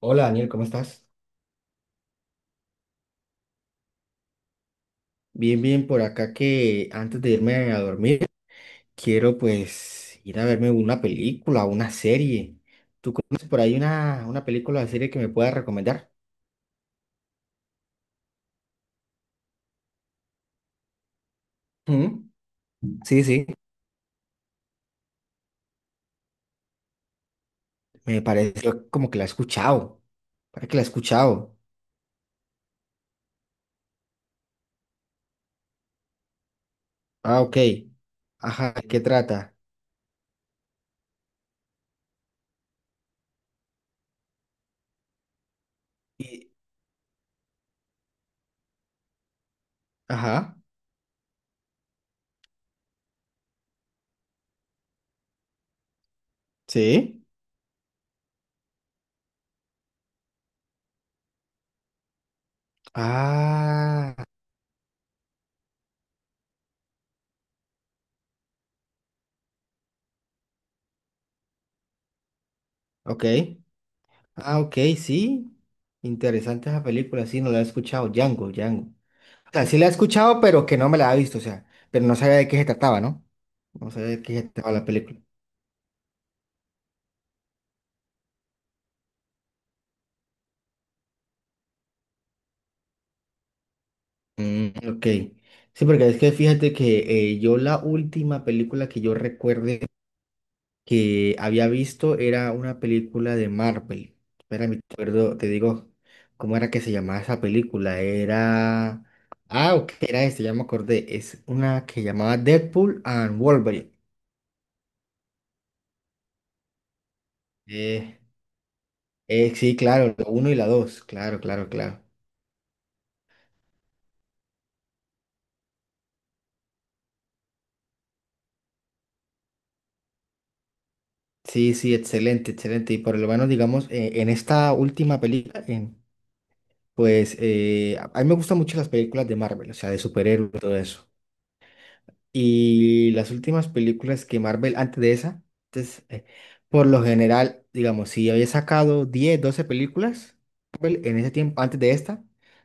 Hola Daniel, ¿cómo estás? Bien, bien, por acá que antes de irme a dormir, quiero pues ir a verme una película, una serie. ¿Tú conoces por ahí una película o serie que me puedas recomendar? Mm, sí, sí, me parece yo como que la he escuchado. ¿Para que la he escuchado? Ah, ok. Ajá, ¿de qué trata? Y- ajá, sí. Ah, ok. Ah, ok, sí. Interesante esa película, sí, no la he escuchado. Django, Django. O sea, sí la he escuchado, pero que no me la ha visto, o sea, pero no sabía de qué se trataba, ¿no? No sabía de qué se trataba la película. Mm, ok. Sí, porque es que fíjate que yo la última película que yo recuerde que había visto era una película de Marvel. Espera, me acuerdo, te digo, ¿cómo era que se llamaba esa película? Era... Ah, ok, era este, ya me acordé. Es una que llamaba Deadpool and Wolverine. Eh, sí, claro, la uno y la dos, claro, claro, claro. Sí, sí, excelente, excelente. Y por lo menos, digamos, en esta última película, en- pues a mí me gustan mucho las películas de Marvel, o sea, de superhéroes y todo eso. Y las últimas películas que Marvel, antes de esa, entonces, por lo general, digamos, si había sacado 10, 12 películas, Marvel, en ese tiempo, antes de esta,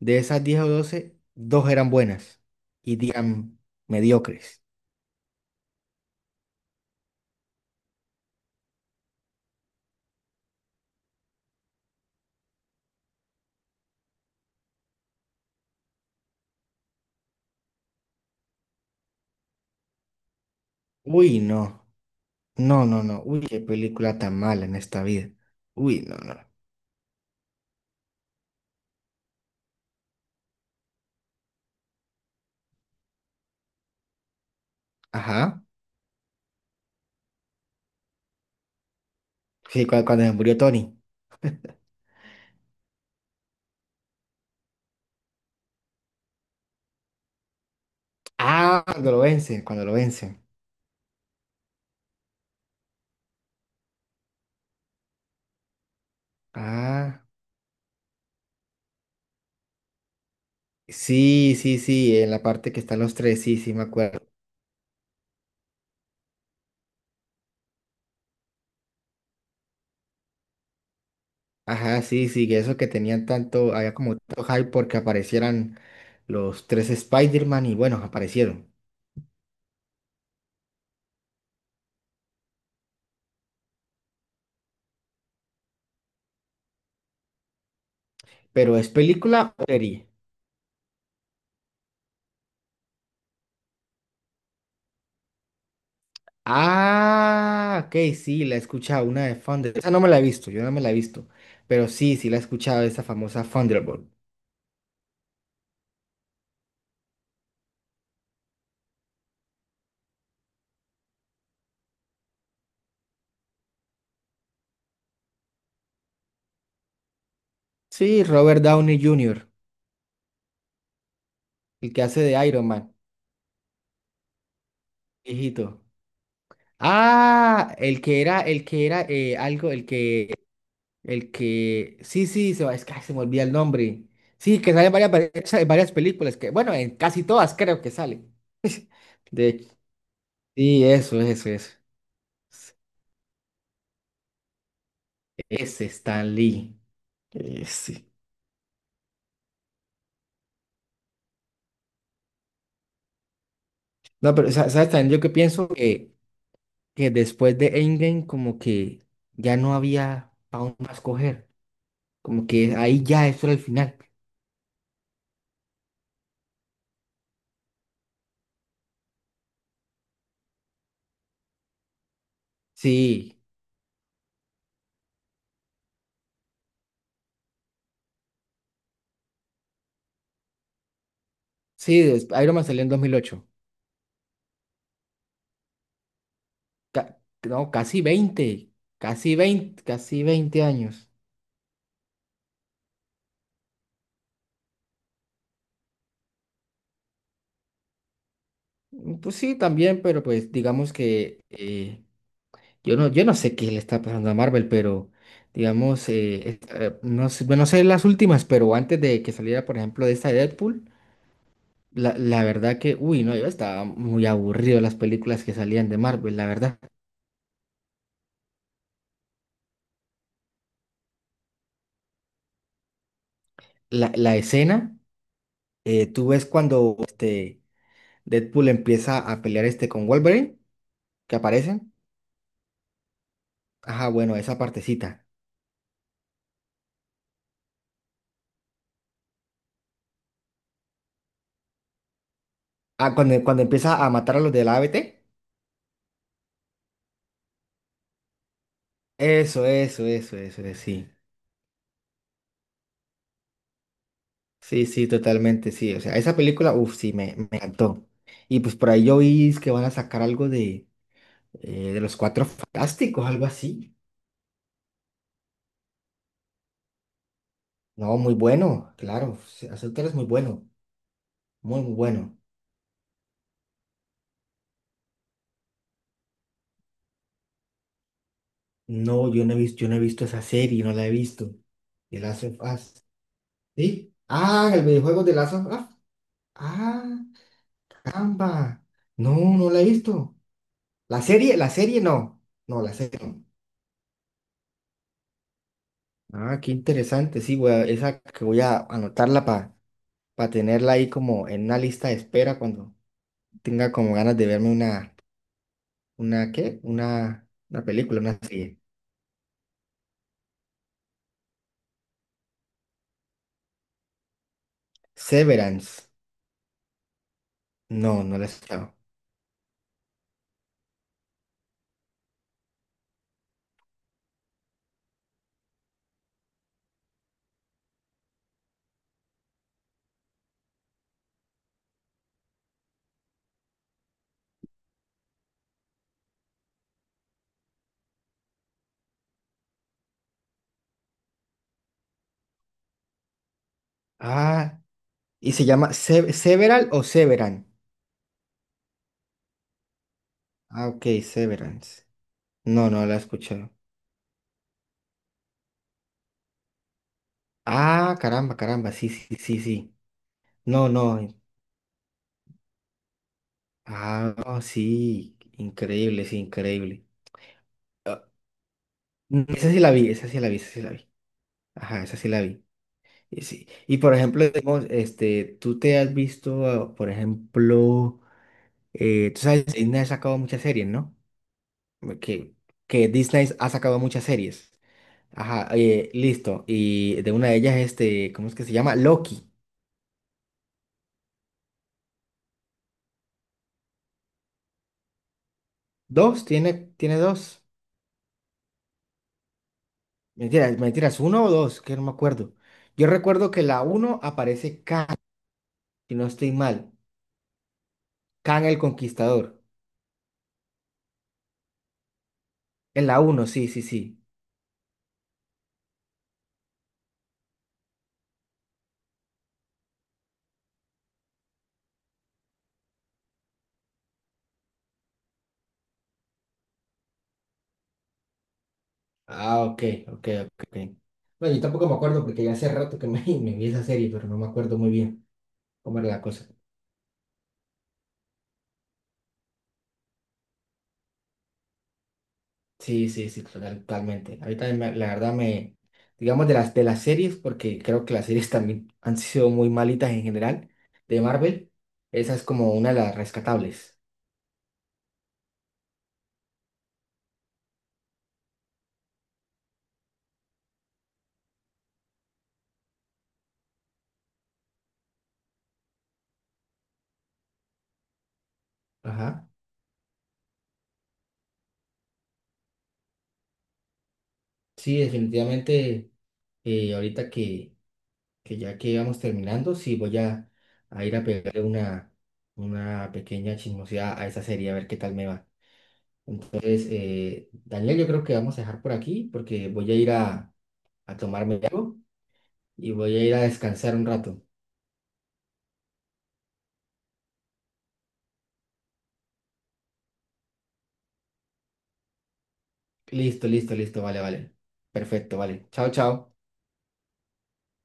de esas 10 o 12, dos eran buenas y 10 eran mediocres. Uy, no, no, no, no, uy, qué película tan mala en esta vida. Uy, no, no. Ajá. Sí, cua- cuando se murió Tony. Ah, cuando lo vence, cuando lo vence. Ah, sí, sí, sí, en la parte que están los tres, sí, sí, me acuerdo. Ajá, sí, sí, que eso que tenían tanto, había como tanto hype porque aparecieran los tres Spider-Man y bueno, aparecieron. Pero ¿es película o serie? Ah, ok, sí, la he escuchado, una de Thunder. Esa no me la he visto, yo no me la he visto. Pero sí, sí la he escuchado, esa famosa Thunderbolt. Sí, Robert Downey Jr., el que hace de Iron Man, viejito. Ah, el que era algo, el que, sí, sí, se, va- es que ay, se me olvida el nombre. Sí, que sale en varias, pe- en varias películas, que bueno, en casi todas creo que sale. De hecho, sí, eso, eso, eso. Ese Stan Lee. Ese. No, pero sa- ¿sabes también? Yo que pienso que después de Endgame como que ya no había para dónde más coger. Como que ahí ya eso era el final. Sí, sí, des- Iron Man salió en 2008. Ca- no, casi veinte, casi veinte, casi 20 años. Mm, pues sí, también, pero pues digamos que yo no, yo no sé qué le está pasando a Marvel, pero digamos, es- no sé, bueno, no sé las últimas, pero antes de que saliera, por ejemplo, de esta de Deadpool, la verdad que, uy, no, yo estaba muy aburrido las películas que salían de Marvel, la verdad. La escena, tú ves cuando este Deadpool empieza a pelear este con Wolverine, que aparecen. Ajá, bueno, esa partecita. Ah, cuando, cuando empieza a matar a los del A B T, eso, sí. Sí, sí, totalmente, sí. O sea, esa película, uff, sí, me encantó. Y pues por ahí yo vi es que van a sacar algo de los Cuatro Fantásticos, algo así. No, muy bueno, claro. Sí, Azotar es muy bueno, muy, muy bueno. No, yo no he visto, yo no he visto esa serie, no la he visto. The Last of Us. ¿Sí? Ah, el videojuego de Last of Us. Ah, caramba. No, no la he visto. La serie no. No, la serie no. Ah, qué interesante. Sí, voy a- esa que voy a anotarla para tenerla ahí como en una lista de espera cuando tenga como ganas de verme una, ¿qué? Una película, una serie. Severance. No, no la he escuchado. Ah, y se llama Se- Several o Severan. Ah, ok, Severance. No, no la he escuchado. Ah, caramba, caramba. Sí, sí, sí, sí. No, no. Ah, no, sí. Increíble, sí, increíble. Mm, esa sí la vi, esa sí la vi, esa sí la vi. Ajá, esa sí la vi. Y, sí. Y por ejemplo, digamos, este, tú te has visto, ah, por ejemplo, tú sabes, Disney ha sacado muchas series, ¿no? Que, que Disney ha sacado muchas series. Ajá, listo. Y de una de ellas, este, ¿cómo es que se llama? Loki. ¿Dos? ¿Tiene, tiene dos? Mentiras, mentiras, uno o dos, que no me acuerdo. Yo recuerdo que la uno aparece Khan, si no estoy mal. Khan el Conquistador. En la uno, sí, sí, sí. Ah, ok, ok, ok. Ok. Bueno, yo tampoco me acuerdo porque ya hace rato que me, me vi esa serie, pero no me acuerdo muy bien cómo era la cosa. Sí, sí, sí, total- totalmente. Ahorita la verdad me, digamos de las series, porque creo que las series también han sido muy malitas en general, de Marvel, esa es como una de las rescatables. Ajá. Sí, definitivamente, ahorita que ya que íbamos terminando, sí voy a ir a pegarle una pequeña chismosidad a esa serie, a ver qué tal me va. Entonces, Daniel, yo creo que vamos a dejar por aquí porque voy a ir a tomarme algo y voy a ir a descansar un rato. Listo, listo, listo, vale, vale. Perfecto, vale. Chao, chao.